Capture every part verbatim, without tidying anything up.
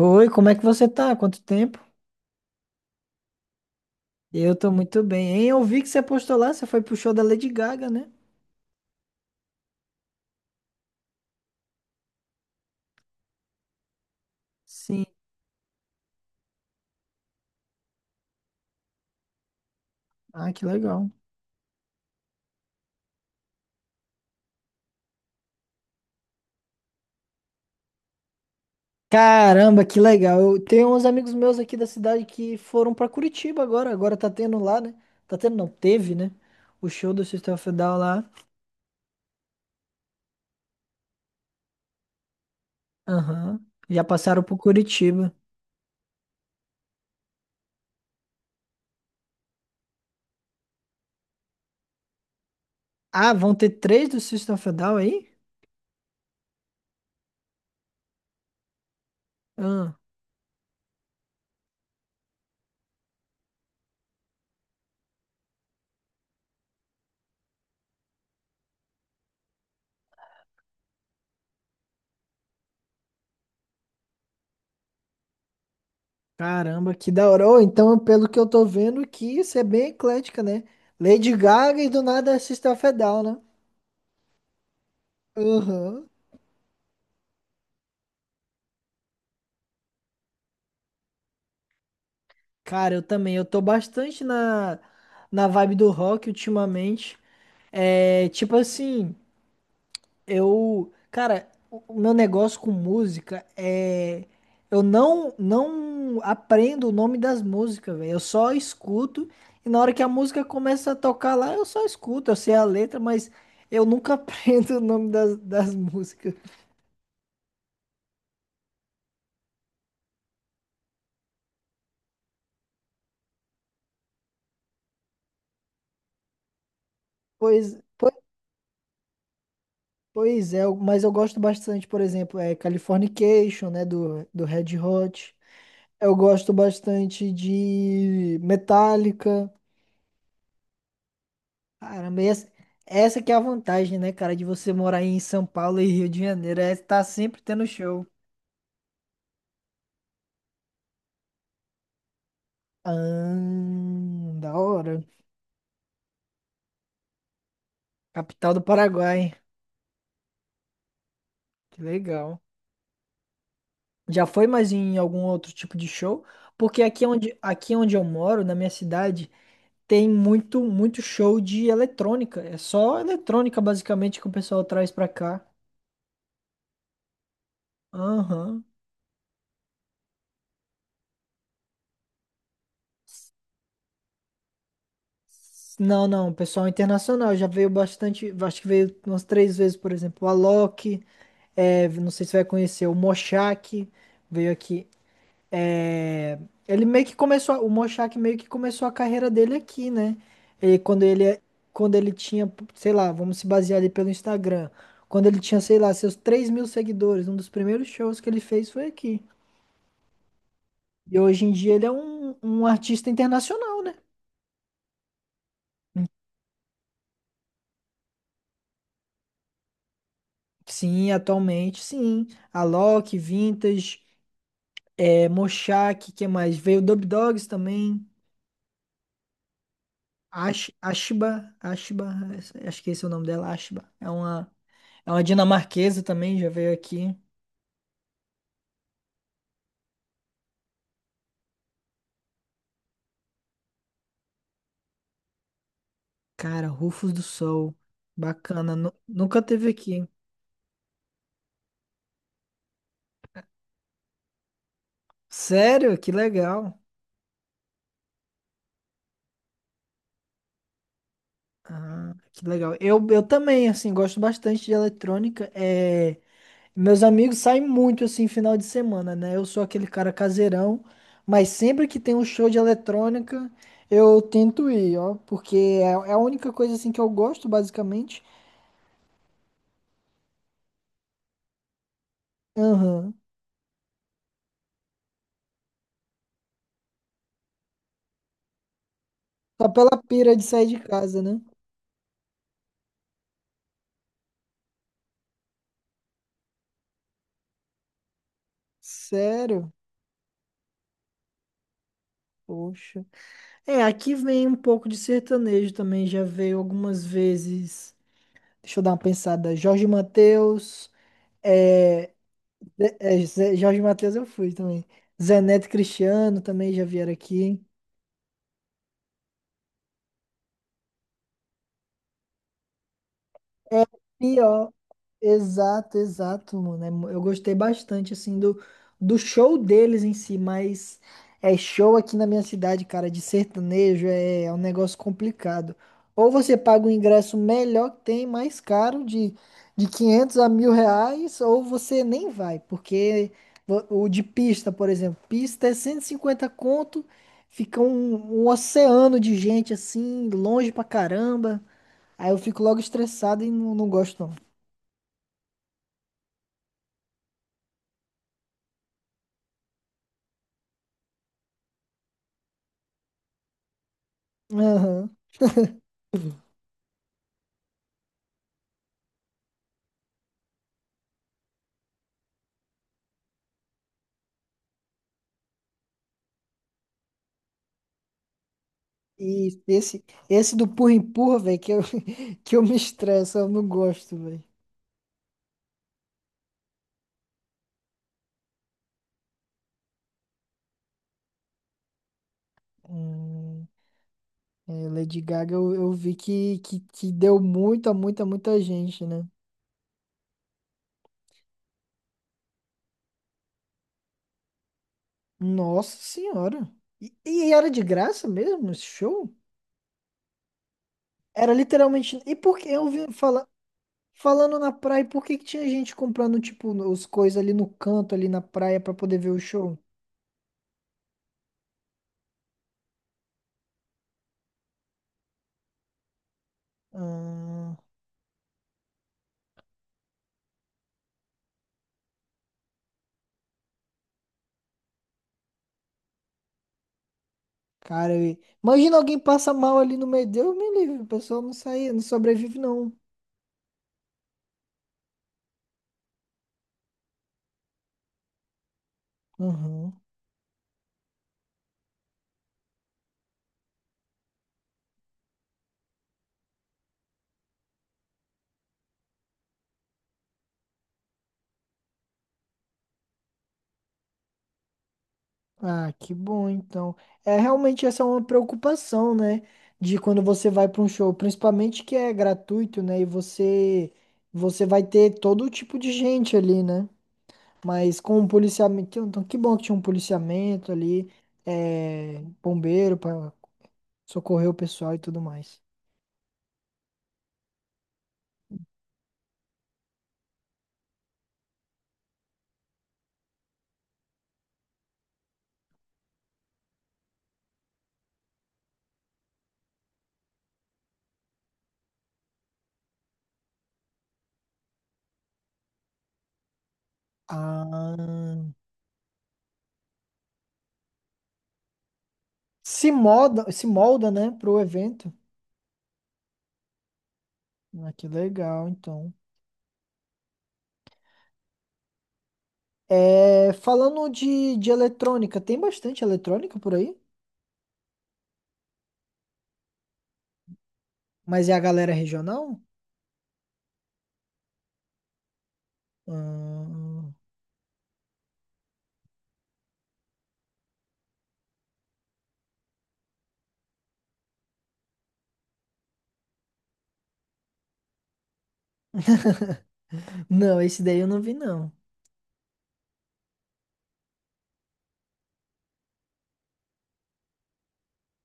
Oi, como é que você tá? Quanto tempo? Eu tô muito bem, hein? Eu vi que você postou lá, você foi pro show da Lady Gaga, né? Sim. Ah, que legal. Caramba, que legal. Eu tenho uns amigos meus aqui da cidade que foram pra Curitiba agora. Agora tá tendo lá, né? Tá tendo, não, teve, né? O show do System of a Down lá. Aham. Já passaram pro Curitiba. Ah, vão ter três do System of a Down aí? Ah, caramba, que da hora. Ô, então, pelo que eu tô vendo aqui, isso é bem eclética, né? Lady Gaga e do nada System of a Down, né? Aham. Cara, eu também. Eu tô bastante na, na vibe do rock ultimamente. É, tipo assim, eu. Cara, o o meu negócio com música é. Eu não, não aprendo o nome das músicas, velho. Eu só escuto. E na hora que a música começa a tocar lá, eu só escuto. Eu sei a letra, mas eu nunca aprendo o nome das, das músicas. Pois. Pois é, eu- mas eu gosto bastante, por exemplo, é Californication, né, do, do Red Hot. Eu gosto bastante de Metallica. Caramba, e essa, essa que é a vantagem, né, cara, de você morar em São Paulo e Rio de Janeiro, é estar sempre tendo show. Ah, da hora. Capital do Paraguai. Que legal. Já foi mais em algum outro tipo de show? Porque aqui é onde, aqui é onde eu moro, na minha cidade, tem muito, muito show de eletrônica. É só eletrônica, basicamente, que o pessoal traz pra cá. Aham. Não, não, pessoal internacional já veio bastante, acho que veio umas três vezes, por exemplo, o Alok, é, não sei se vai conhecer, o Moshak veio aqui. É, ele meio que começou, a- o Mochak meio que começou a carreira dele aqui, né? Ele, quando ele, quando ele tinha, sei lá, vamos se basear ali pelo Instagram. Quando ele tinha, sei lá, seus três mil seguidores, um dos primeiros shows que ele fez foi aqui. E hoje em dia ele é um, um artista internacional, né? Sim, atualmente, sim. Alok, Vintage, é, Mochak, que mais? Veio Dub Dogs também. Ash, Ashiba, Ashiba, acho que esse é o nome dela, Ashiba. É uma É uma dinamarquesa também, já veio aqui. Cara, Rufos do Sol. Bacana. nu- nunca teve aqui. Sério? Que legal. Ah, que legal. Eu, eu também, assim, gosto bastante de eletrônica. É, meus amigos saem muito, assim, final de semana, né? Eu sou aquele cara caseirão, mas sempre que tem um show de eletrônica, eu tento ir, ó. Porque é, é a única coisa, assim, que eu gosto, basicamente. Aham. Só pela pira de sair de casa, né? Sério? Poxa. É, aqui vem um pouco de sertanejo também, já veio algumas vezes. Deixa eu dar uma pensada. Jorge Mateus, é, Zé- é, Zé- Jorge Mateus eu fui também. Zé Neto e Cristiano também já vieram aqui. É pior. Exato, exato, mano. É. Eu gostei bastante, assim, do, do show deles em si, mas é show aqui na minha cidade, cara, de sertanejo é, é um negócio complicado. Ou você paga um ingresso melhor que tem, mais caro, de, de quinhentos a mil reais, ou você nem vai, porque vo- o de pista, por exemplo, pista é cento e cinquenta conto, fica um, um oceano de gente, assim, longe pra caramba. Aí eu fico logo estressado e não, não gosto, não. Aham. E esse, esse do empurra-empurra, velho, que eu, que eu me estresso, eu não gosto, velho. Hum, é, Lady Gaga, eu, eu vi que, que, que deu muita, muita, muita gente, né? Nossa Senhora. E, e era de graça mesmo esse show? Era literalmente. E por que eu vi fala, falando na praia, por que que tinha gente comprando, tipo, os coisas ali no canto, ali na praia, pra poder ver o show? Hum, Cara, eu- imagina alguém passa mal ali no meio. Deus me livre, o pessoal não sai, não sobrevive, não. Uhum. Ah, que bom, então. É, realmente essa é uma preocupação, né? De quando você vai para um show, principalmente que é gratuito, né? E você, você vai ter todo tipo de gente ali, né? Mas com o policiamento. Então, que bom que tinha um policiamento ali, é, bombeiro para socorrer o pessoal e tudo mais. Ah, se molda, se molda, né, pro evento. Ah, que legal, então. É, falando de, de eletrônica, tem bastante eletrônica por aí? Mas é a galera regional? Hum, não, esse daí eu não vi, não.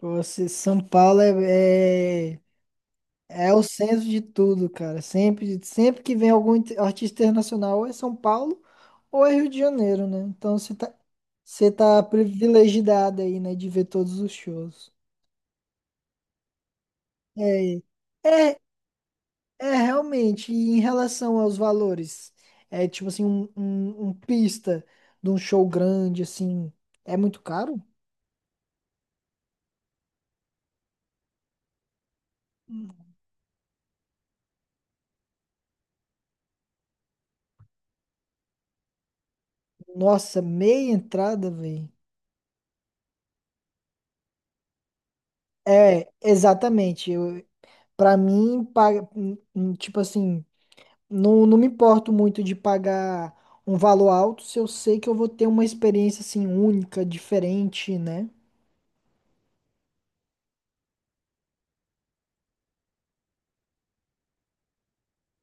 Você, São Paulo é, é, é o centro de tudo, cara. Sempre, sempre que vem algum inter- artista internacional, ou é São Paulo ou é Rio de Janeiro, né? Então você tá, você tá privilegiado aí, né, de ver todos os shows. É, é, É, realmente, e em relação aos valores, é tipo assim, um, um, um pista de um show grande, assim, é muito caro? Nossa, meia entrada, velho. É, exatamente. Eu, pra mim, paga, hum, hum, tipo assim, não, não me importo muito de pagar um valor alto se eu sei que eu vou ter uma experiência, assim, única, diferente, né?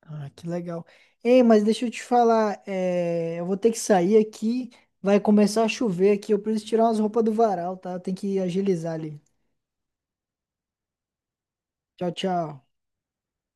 Ah, que legal. Ei, mas deixa eu te falar, é, eu vou ter que sair aqui, vai começar a chover aqui, eu preciso tirar umas roupas do varal, tá? Tem que agilizar ali. Tchau, tchau.